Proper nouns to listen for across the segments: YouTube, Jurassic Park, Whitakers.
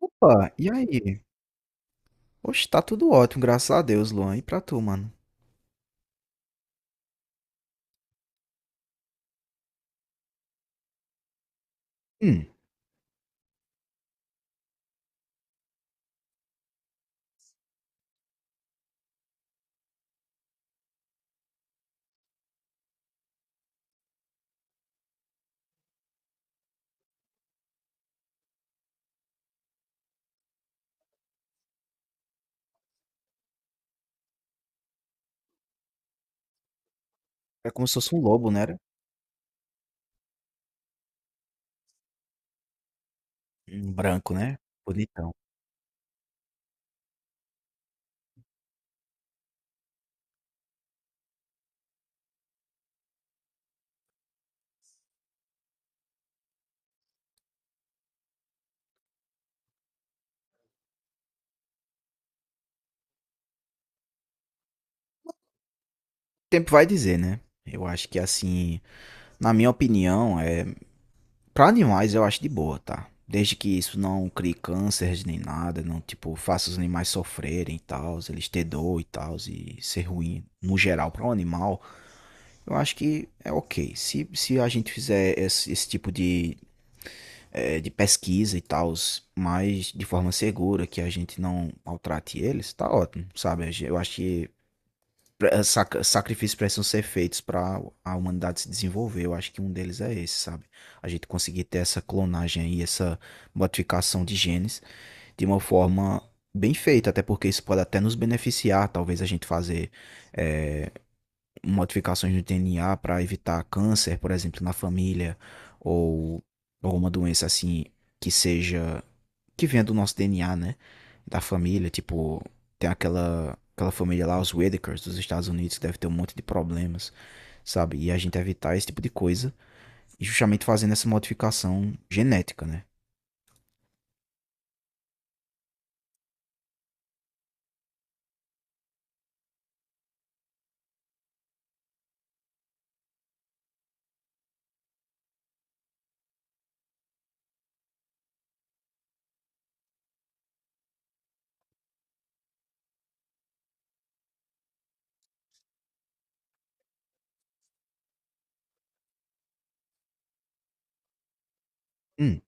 Opa, e aí? Oxe, tá tudo ótimo, graças a Deus, Luan. E pra tu, mano? Hum, é como se fosse um lobo, né? Era? Um branco, né? Bonitão. O tempo vai dizer, né? Eu acho que, assim, na minha opinião, é... pra animais eu acho de boa, tá? Desde que isso não crie cânceres nem nada, não, tipo, faça os animais sofrerem e tal, eles ter dor e tal, e ser ruim no geral pra um animal, eu acho que é ok. Se a gente fizer esse tipo de de pesquisa e tal, mas de forma segura, que a gente não maltrate eles, tá ótimo, sabe? Eu acho que sacrifícios precisam ser feitos para a humanidade se desenvolver. Eu acho que um deles é esse, sabe? A gente conseguir ter essa clonagem aí, essa modificação de genes de uma forma bem feita, até porque isso pode até nos beneficiar, talvez a gente fazer modificações no DNA para evitar câncer, por exemplo, na família, ou alguma doença assim que seja que vem do nosso DNA, né? Da família, tipo, tem aquela família lá, os Whitakers dos Estados Unidos, que deve ter um monte de problemas, sabe? E a gente evitar esse tipo de coisa, e justamente fazendo essa modificação genética, né? Hum,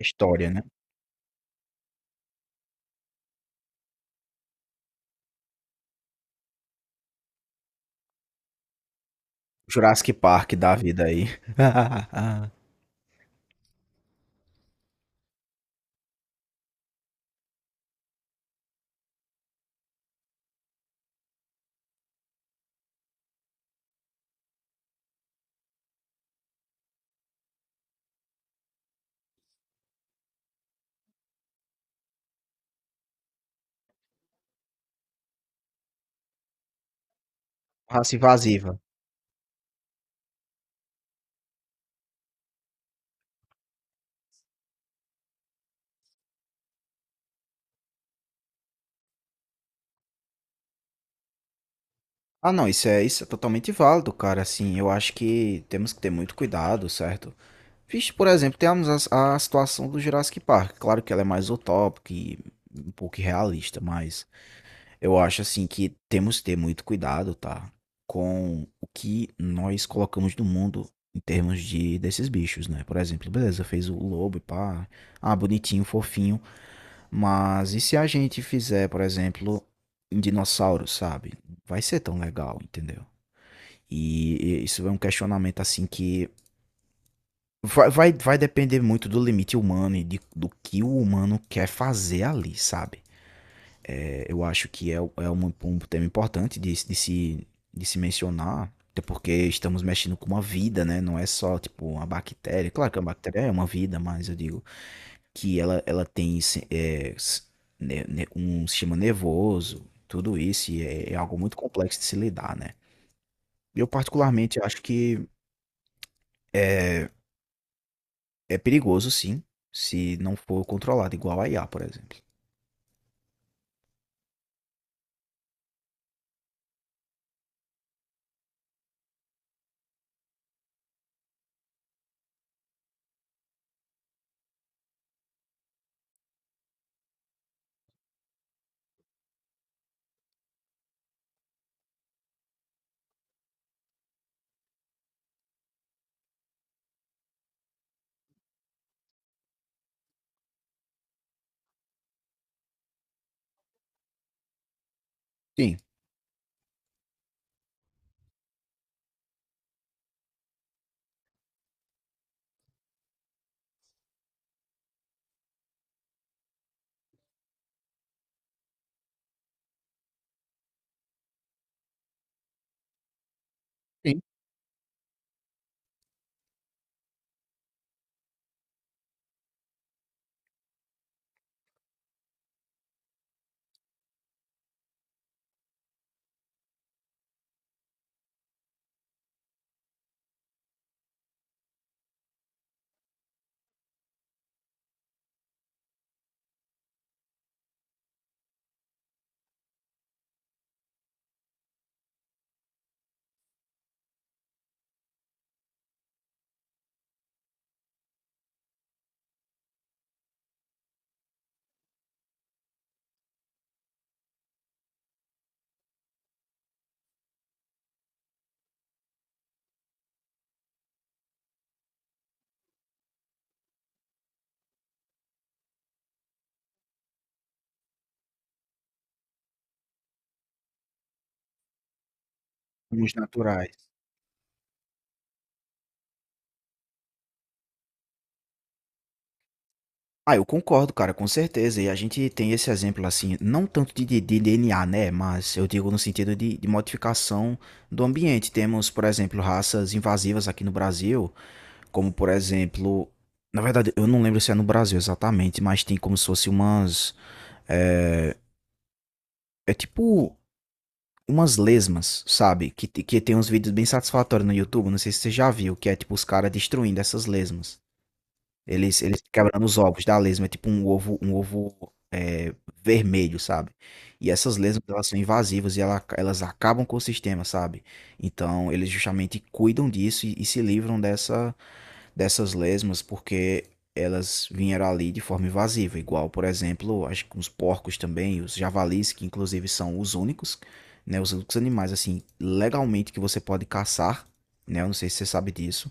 história, né? Jurassic Park da vida aí. Raça invasiva. Ah, não, isso é totalmente válido, cara. Assim, eu acho que temos que ter muito cuidado, certo? Vixe, por exemplo, temos a situação do Jurassic Park. Claro que ela é mais utópica e um pouco irrealista, mas eu acho assim que temos que ter muito cuidado, tá? Com o que nós colocamos no mundo em termos de desses bichos, né? Por exemplo, beleza, fez o lobo e pá, ah, bonitinho, fofinho, mas e se a gente fizer, por exemplo, um dinossauro, sabe? Vai ser tão legal, entendeu? E isso é um questionamento assim que vai depender muito do limite humano e do que o humano quer fazer ali, sabe? É, eu acho que é, é um tema importante de, de se mencionar, até porque estamos mexendo com uma vida, né? Não é só, tipo, uma bactéria. Claro que a bactéria é uma vida, mas eu digo que ela tem um sistema nervoso, tudo isso, e é algo muito complexo de se lidar, né? Eu, particularmente, acho que é perigoso, sim, se não for controlado, igual a IA, por exemplo. Sim, sim, os naturais. Ah, eu concordo, cara, com certeza. E a gente tem esse exemplo assim, não tanto de DNA, né? Mas eu digo no sentido de modificação do ambiente. Temos, por exemplo, raças invasivas aqui no Brasil, como por exemplo. Na verdade, eu não lembro se é no Brasil exatamente, mas tem como se fosse umas. É, é tipo umas lesmas, sabe? Que tem uns vídeos bem satisfatórios no YouTube. Não sei se você já viu, que é tipo os caras destruindo essas lesmas. Eles quebrando os ovos da lesma, é tipo um ovo é, vermelho, sabe? E essas lesmas, elas são invasivas e elas acabam com o sistema, sabe? Então, eles justamente cuidam disso e se livram dessas lesmas porque elas vieram ali de forma invasiva. Igual, por exemplo, acho que os porcos também, os javalis, que inclusive são os únicos, né? Os únicos animais, assim, legalmente que você pode caçar, né? Eu não sei se você sabe disso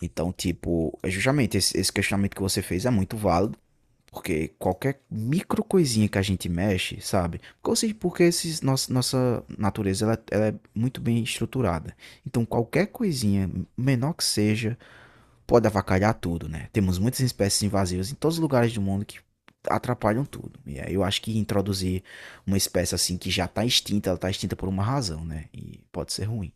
então, tipo, é justamente esse, esse questionamento que você fez é muito válido, porque qualquer micro coisinha que a gente mexe, sabe? Porque, ou seja, porque esses, nossa, nossa natureza ela é muito bem estruturada. Então, qualquer coisinha, menor que seja, pode avacalhar tudo, né? Temos muitas espécies invasivas em todos os lugares do mundo que atrapalham tudo. E aí eu acho que introduzir uma espécie assim que já tá extinta, ela tá extinta por uma razão, né? E pode ser ruim.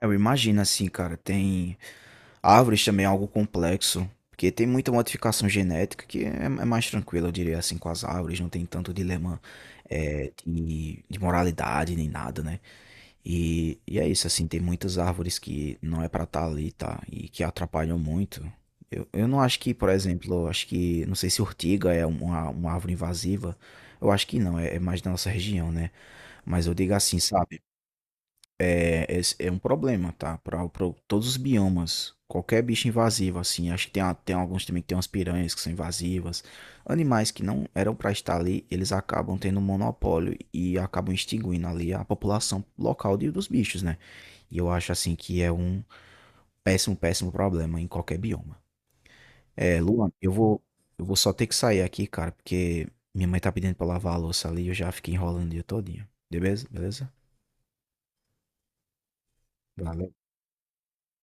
Eu imagino assim, cara, tem Árvores também é algo complexo, porque tem muita modificação genética que é mais tranquila, eu diria assim, com as árvores, não tem tanto dilema é, de moralidade nem nada, né? E é isso, assim, tem muitas árvores que não é pra estar ali, tá? E que atrapalham muito. Eu não acho que, por exemplo, eu acho que, não sei se ortiga é uma árvore invasiva, eu acho que não, é mais da nossa região, né? Mas eu digo assim, sabe? É, esse é um problema, tá? Para todos os biomas. Qualquer bicho invasivo, assim. Acho que tem, tem alguns também que tem umas piranhas que são invasivas. Animais que não eram para estar ali, eles acabam tendo um monopólio e acabam extinguindo ali a população local dos bichos, né? E eu acho, assim, que é um péssimo, péssimo problema em qualquer bioma. É, Luan, eu vou só ter que sair aqui, cara, porque minha mãe tá pedindo pra lavar a louça ali e eu já fiquei enrolando o dia todinho. Beleza? Beleza? Valeu.